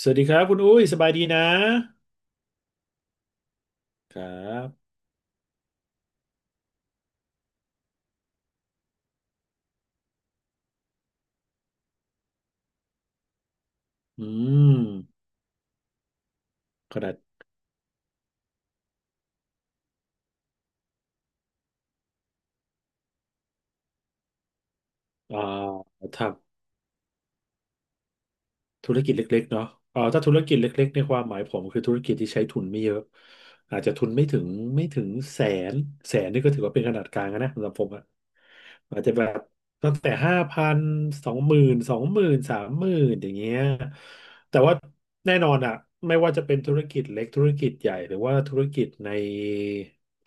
สวัสดีครับคุณอุ้ยสบายดีนะครับอืมขนาดอ่าทำธุรกิจเล็กๆเนาะถ้าธุรกิจเล็กๆในความหมายผมคือธุรกิจที่ใช้ทุนไม่เยอะอาจจะทุนไม่ถึงไม่ถึงแสนแสนนี่ก็ถือว่าเป็นขนาดกลางแล้วนะสำหรับผม อาจจะแบบตั้งแต่ห้าพันสองหมื่นสามหมื่นอย่างเงี้ยแต่ว่าแน่นอนอะไม่ว่าจะเป็นธุรกิจเล็กธุรกิจใหญ่หรือว่าธุรกิจใน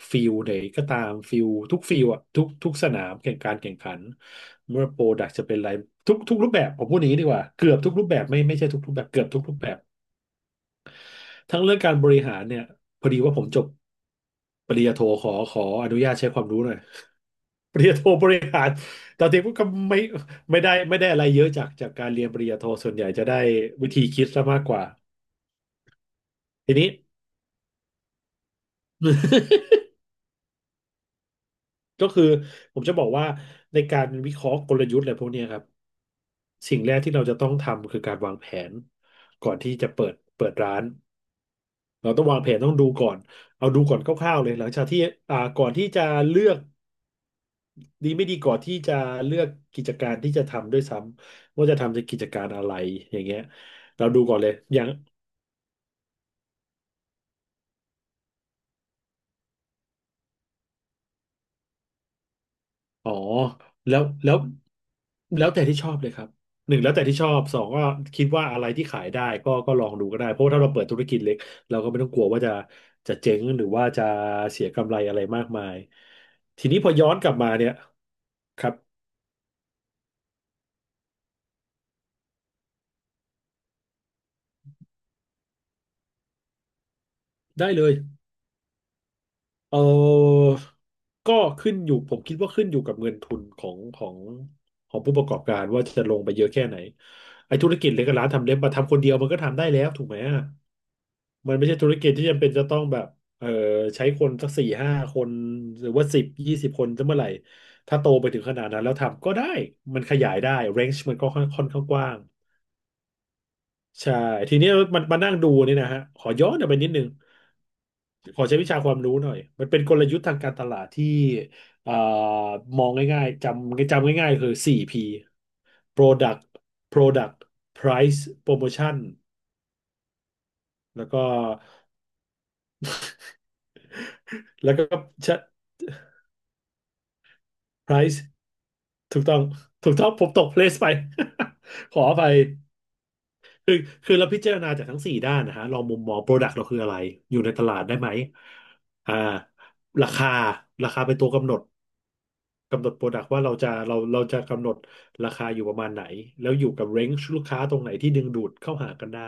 ฟิลไหนก็ตามฟิลทุกฟิลอะทุกสนามแข่งการแข่งขันเมื่อโปรดักจะเป็นอะไรทุกรูปแบบผมพูดอย่างนี้ดีกว่าเกือบทุกรูปแบบไม่ใช่ทุกรูปแบบเกือบทุกรูปแบบทั้งเรื่องการบริหารเนี่ยพอดีว่าผมจบปริญญาโทขออนุญาตใช้ความรู้หน่อย ปริญญาโทบริหารแต่จริงๆก็ไม่ไม่ได้อะไรเยอะจากการเรียนปริญญาโทส่วนใหญ่จะได้วิธีคิดซะมากกว่าทีนี้ ก็คือผมจะบอกว่าในการวิเคราะห์กลยุทธ์อะไรพวกเนี้ยครับสิ่งแรกที่เราจะต้องทำคือการวางแผนก่อนที่จะเปิดร้านเราต้องวางแผนต้องดูก่อนเอาดูก่อนคร่าวๆเลยหลังจากที่ก่อนที่จะเลือกดีไม่ดีก่อนที่จะเลือกกิจการที่จะทำด้วยซ้ำว่าจะทำในกิจการอะไรอย่างเงี้ยเราดูก่อนเลยอย่าง อ๋อแล้วแล้วแล้วแต่ที่ชอบเลยครับหนึ่งแล้วแต่ที่ชอบสองก็คิดว่าอะไรที่ขายได้ก็ลองดูก็ได้เพราะว่าถ้าเราเปิดธุรกิจเล็กเราก็ไม่ต้องกลัวว่าจะจะเจ๊งหรือว่าจะเสียกำไรอะไรมากมายทีนี้พอย้อนกลับมาเนี่ยครับได้เลยเออก็ขึ้นอยู่ผมคิดว่าขึ้นอยู่กับเงินทุนของของผู้ประกอบการว่าจะลงไปเยอะแค่ไหนไอ้ธุรกิจเล็กกับร้านทำเล็บมาทำคนเดียวมันก็ทำได้แล้วถูกไหมอะ มันไม่ใช่ธุรกิจที่จำเป็นจะต้องแบบเออใช้คนสักสี่ห้าคนหรือว่าสิบยี่สิบคนจะเมื่อไหร่ถ้าโตไปถึงขนาดนั้นแล้วทำก็ได้มันขยายได้เรนจ์มันก็ค่อนข้างกว้างใช่ทีนี้มันมานั่งดูนี่นะฮะขอย้อนกลับไปนิดนึงขอใช้วิชาความรู้หน่อยมันเป็นกลยุทธ์ทางการตลาดที่เอ่อมองง่ายๆจำง่ายๆคือ 4P Product Product Price Promotion แล้วก็แล้วก็ price ถูกต้องถูกต้องผมตก place ไป ขออภัยคือคือเราพิจารณาจากทั้งสี่ด้านนะฮะลองมุมมอง Product เราคืออะไรอยู่ในตลาดได้ไหมอ่าราคาราคาเป็นตัวกำหนด กำหนดโปรดักต์ว่าเราจะเราจะกำหนดราคาอยู่ประมาณไหนแล้วอยู่กับเร้นจ์ลูกค้าตรงไหนที่ดึงดูดเข้าหากันได้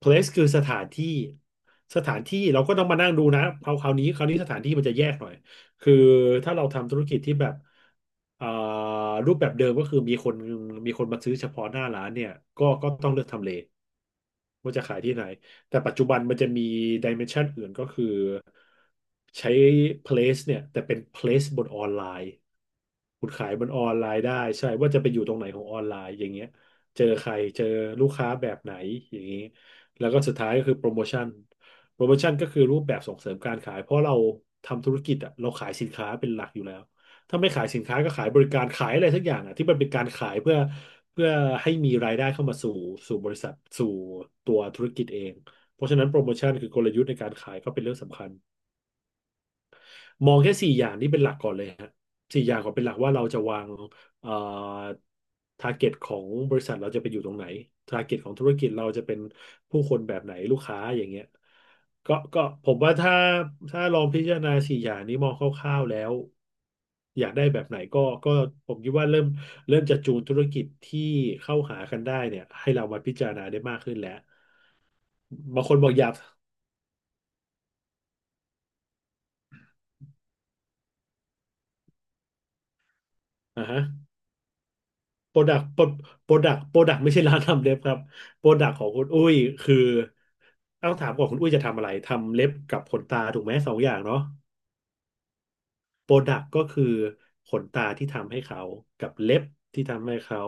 place คือสถานที่สถานที่เราก็ต้องมานั่งดูนะเอาคราวนี้สถานที่มันจะแยกหน่อยคือถ้าเราทำธุรกิจที่แบบเอ่อรูปแบบเดิมก็คือมีคนมาซื้อเฉพาะหน้าร้านเนี่ยก็ต้องเลือกทำเลว่าจะขายที่ไหน แต่ปัจจุบันมันจะมีดิเมนชันอื่นก็คือใช้ place เนี่ยแต่เป็น place บนออนไลน์คุณขายบนออนไลน์ได้ใช่ว่าจะไปอยู่ตรงไหนของออนไลน์อย่างเงี้ยเจอใครเจอลูกค้าแบบไหนอย่างนี้แล้วก็สุดท้ายก็คือโปรโมชั่นโปรโมชั่นก็คือรูปแบบส่งเสริมการขายเพราะเราทำธุรกิจอะเราขายสินค้าเป็นหลักอยู่แล้วถ้าไม่ขายสินค้าก็ขายบริการขายอะไรสักอย่างอะที่มันเป็นการขายเพื่อให้มีรายได้เข้ามาสู่บริษัทสู่ตัวธุรกิจเอง เพราะฉะนั้นโปรโมชั่นคือกลยุทธ์ในการขายก็เป็นเรื่องสำคัญมองแค่สี่อย่างนี้เป็นหลักก่อนเลยฮะสี่อย่างก่อนเป็นหลักว่าเราจะวางเอ่อทาร์เกตของบริษัทเราจะไปอยู่ตรงไหนท a ร์เก็ตของธุรกิจเราจะเป็นผู้คนแบบไหนลูกค้าอย่างเงี้ยก็ผมว่าถ้าถ้าลองพิจารณาสี่อย่างนี้มองคร่าวๆแล้วอยากได้แบบไหนก็ผมคิดว่าเริ่มเริ่มจะจูนธุรกิจที่เข้าหากันได้เนี่ยให้เรามาพิจารณาได้มากขึ้นแล้วบางคนบอกอยากอ่าฮะ โปรดักไม่ใช่ร้านทำเล็บครับโปรดักของคุณอุ้ยคือต้องถามก่อนคุณอุ้ยจะทำอะไรทำเล็บกับขนตาถูกไหมสองอย่างเนาะโปรดักก็คือขนตาที่ทำให้เขากับเล็บที่ทำให้เขา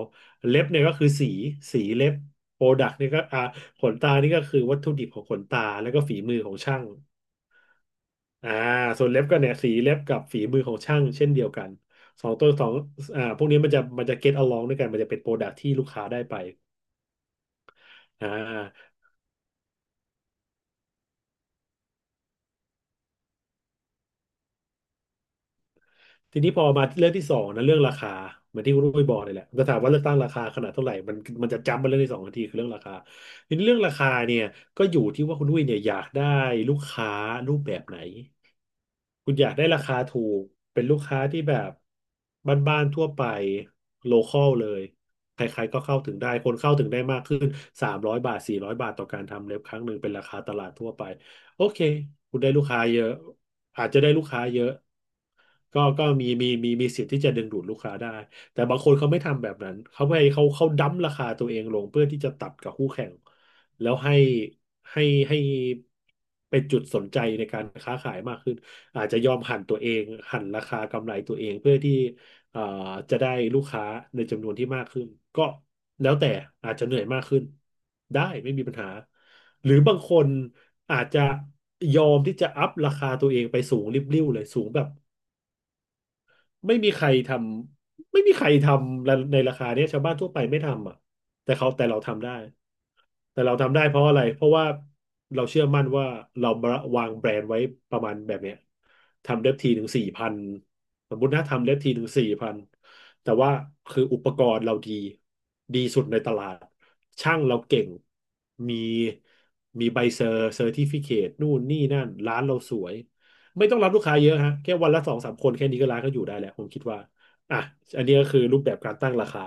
เล็บเนี่ยก็คือสีเล็บโปรดักนี่ก็ขนตานี่ก็คือวัตถุดิบของขนตาแล้วก็ฝีมือของช่างอ่าส่วนเล็บก็เนี่ยสีเล็บกับฝีมือของช่างเช่นเดียวกันสองตัวสองพวกนี้มันจะ get along ด้วยกันมันจะเป็นโปรดักที่ลูกค้าได้ไป อ่าทีนี้พอมาเรื่องที่สองนะเรื่องราคาเหมือนที่คุณรุ้ยบอกเลยแหละจะถามว่าเลือกตั้งราคาขนาดเท่าไหร่มันจะจำมาเรื่องที่สองทันทีคือเรื่องราคาทีนี้เรื่องราคาเนี่ยก็อยู่ที่ว่าคุณอุ้ยเนี่ยอยากได้ลูกค้ารูปแบบไหนคุณอยากได้ราคาถูกเป็นลูกค้าที่แบบบ้านๆทั่วไปโลคอลเลยใครๆก็เข้าถึงได้คนเข้าถึงได้มากขึ้น300 บาทสี่ร้อยบาทต่อการทำเล็บครั้งหนึ่งเป็นราคาตลาดทั่วไปโอเคคุณได้ลูกค้าเยอะ อาจจะได้ลูกค้าเยอะก็มีสิทธิ์ที่จะดึงดูดลูกค้าได้แต่บางคนเขาไม่ทำแบบนั้นเขาดั้มราคาตัวเองลงเพื่อที่จะตัดกับคู่แข่งแล้วให้ให้เป็นจุดสนใจในการค้าขายมากขึ้นอาจจะยอมหั่นตัวเองหั่นราคากำไรตัวเองเพื่อที่เอ่อจะได้ลูกค้าในจำนวนที่มากขึ้นก็แล้วแต่อาจจะเหนื่อยมากขึ้นได้ไม่มีปัญหา หรือบางคนอาจจะยอมที่จะอัพราคาตัวเองไปสูงริบลิ่วเลยสูงแบบ ไม่มีใครทไม่มีใครทำในราคาเนี้ยชาวบ้านทั่วไปไม่ทำอ่ะแต่เราทำได้แต่เราทำได้เพราะอะไรเพราะว่าเราเชื่อมั่นว่าเราวางแบรนด์ไว้ประมาณแบบเนี้ยทำเล็บทีถึงสี่พันสมมตินะทำเล็บทีถึงสี่พันแต่ว่าคืออุปกรณ์เราดีดีสุดในตลาดช่างเราเก่งมีมีใบเซอร์ติฟิเคตนู่นนี่นั่นร้านเราสวย ไม่ต้องรับลูกค้าเยอะฮะแค่วันละสองสามคนแค่นี้ก็ร้านก็อยู่ได้แหละผมคิดว่าอ่ะอันนี้ก็คือรูปแบบการตั้งราคา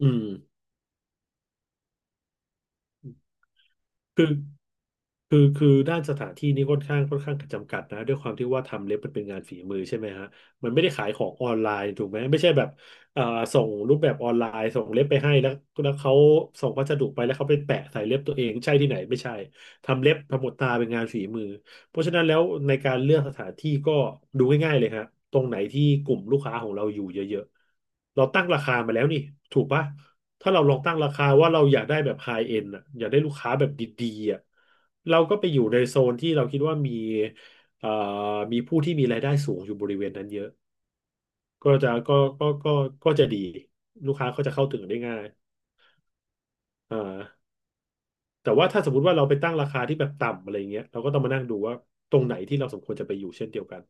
อืมคือ คือด้านสถานที่นี่ค่อนข้างจำกัดนะด้วยความที่ว่าทำเล็บมันเป็นงานฝีมือใช่ไหมฮะมันไม่ได้ขายของออนไลน์ถูกไหมไม่ใช่แบบเอ่อส่งรูปแบบออนไลน์ส่งเล็บไปให้แล้วแล้วเขาส่งพัสดุไปแล้วเขาไปแปะใส่เล็บตัวเองใช่ที่ไหนไม่ใช่ทำเล็บทำหมดตาเป็นงานฝีมือเพราะฉะนั้นแล้วในการเลือกสถานที่ก็ดูง่ายๆเลยฮะตรงไหนที่กลุ่มลูกค้าของเราอยู่เยอะๆเราตั้งราคามาแล้วนี่ถูกปะ ถ้าเราลองตั้งราคาว่าเราอยากได้แบบไฮเอ็นอ่ะอยากได้ลูกค้าแบบดีๆอ่ะเราก็ไปอยู่ในโซนที่เราคิดว่ามีเอ่อมีผู้ที่มีรายได้สูงอยู่บริเวณนั้นเยอะก็จะก็ก็ก็ก็จะดีลูกค้าก็จะเข้าถึงได้ง่ายอ่าแต่ว่าถ้าสมมติว่าเราไปตั้งราคาที่แบบต่ำอะไรเงี้ยเราก็ต้องมานั่งดูว่าตรงไหนที่เราสมควรจะไปอยู่เช่นเดียวกัน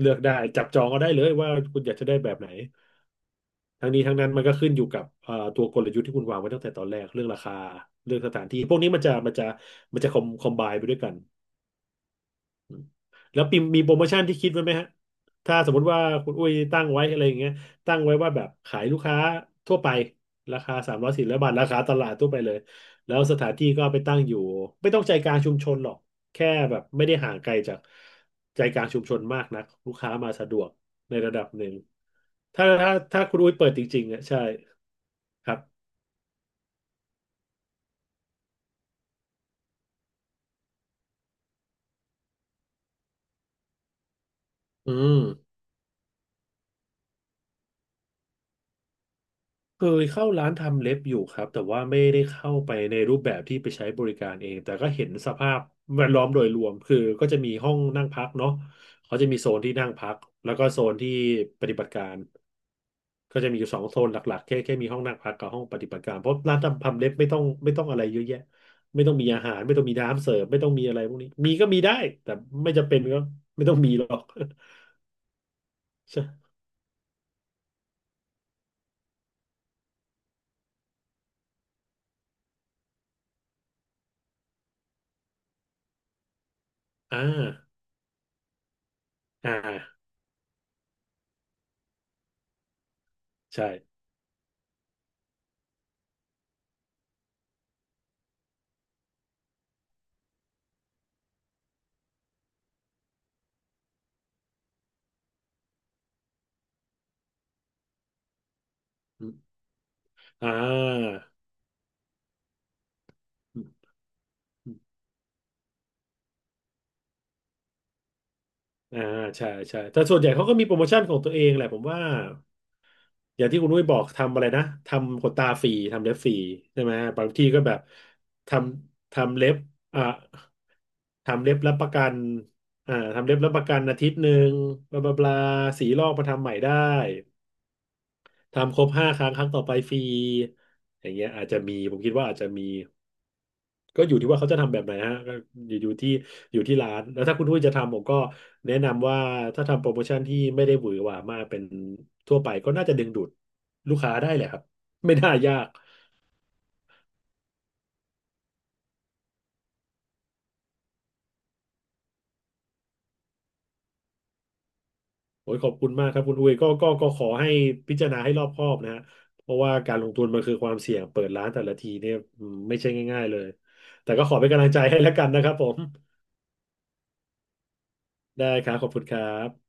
เลือกได้จับจองก็ได้เลยว่าคุณอยากจะได้แบบไหน ทั้งนี้ทั้งนั้นมันก็ขึ้นอยู่กับตัวกลยุทธ์ที่คุณวางไว้ตั้งแต่ตอนแรกเรื่องราคาเรื่องสถานที่พวกนี้มันจะมันจะมันจะคอมคอมไบไปด้วยกันแล้วปีมีโปรโมชั่นที่คิดไว้ไหมฮะถ้าสมมติว่าคุณอุ้ยตั้งไว้อะไรอย่างเงี้ยตั้งไว้ว่าแบบขายลูกค้าทั่วไปราคา300 400 บาทราคาตลาดทั่วไปเลยแล้วสถานที่ก็ไปตั้งอยู่ไม่ต้องใจกลางชุมชนหรอกแค่แบบไม่ได้ห่างไกลจากใจกลางชุมชนมากนักลูกค้ามาสะดวกในระดับหนึ่งถ้าคุณอุ้ยเปิดจริงๆอ่ะใช่ครับ อืมเคยเข้าร้านทำเล็บอยู่ครับแต่ว่าไม่ได้เข้าไปในรูปแบบที่ไปใช้บริการเองแต่ก็เห็นสภาพแวดล้อมโดยรวมคือก็จะมีห้องนั่งพักเนาะเขาจะมีโซนที่นั่งพักแล้วก็โซนที่ปฏิบัติการก็จะมีอยู่สองโซนหลักๆแค่มีห้องนั่งพักกับห้องปฏิบัติการเพราะร้านทำเล็บไม่ต้องอะไรเยอะแยะไม่ต้องมีอาหารไม่ต้องมีน้ำเสิร์ฟไม่ต้องมีอะไรพวกนี้มีก็มีได้แต่ไม่จำเป็นก็ไม่ต้องมีหรอก ใช่อ่าอ่าใช่อ่า อ่าใช่ใช่แต่ส่วนใหญ่เขาก็มีโปรโมชั่นของตัวเองแหละผมว่าอย่างที่คุณนุ้ยบอกทำอะไรนะทำขนตาฟรีทำเล็บฟรีใช่ไหมบางที่ก็แบบทำทำเล็บอ่าทำเล็บรับประกันทำเล็บรับประกันอาทิตย์หนึ่งบลาบลาบลาสีลอกมาทำใหม่ได้ทำครบ5 ครั้งครั้งต่อไปฟรีอย่างเงี้ยอาจจะมีผมคิดว่าอาจจะมี ก็อยู่ที่ว่าเขาจะทำแบบไหนฮะก็อยู่อยู่ที่อยู่ที่ร้านแล้วถ้าคุณอุ้ยจะทำผมก็แนะนำว่าถ้าทำโปรโมชั่นที่ไม่ได้หวือหวามากเป็นทั่วไปก็น่าจะดึงดูดลูกค้าได้แหละครับ ไม่น่ายากโอ้ยขอบคุณมากครับคุณอุ้ยก็ขอให้พิจารณาให้รอบคอบนะฮะเพราะว่าการลงทุนมันคือความเสี่ยงเปิดร้านแต่ละทีเนี่ยไม่ใช่ง่ายๆเลยแต่ก็ขอเป็นกำลังใจให้แล้วกันนะครับผมได้ครับขอบคุณครับ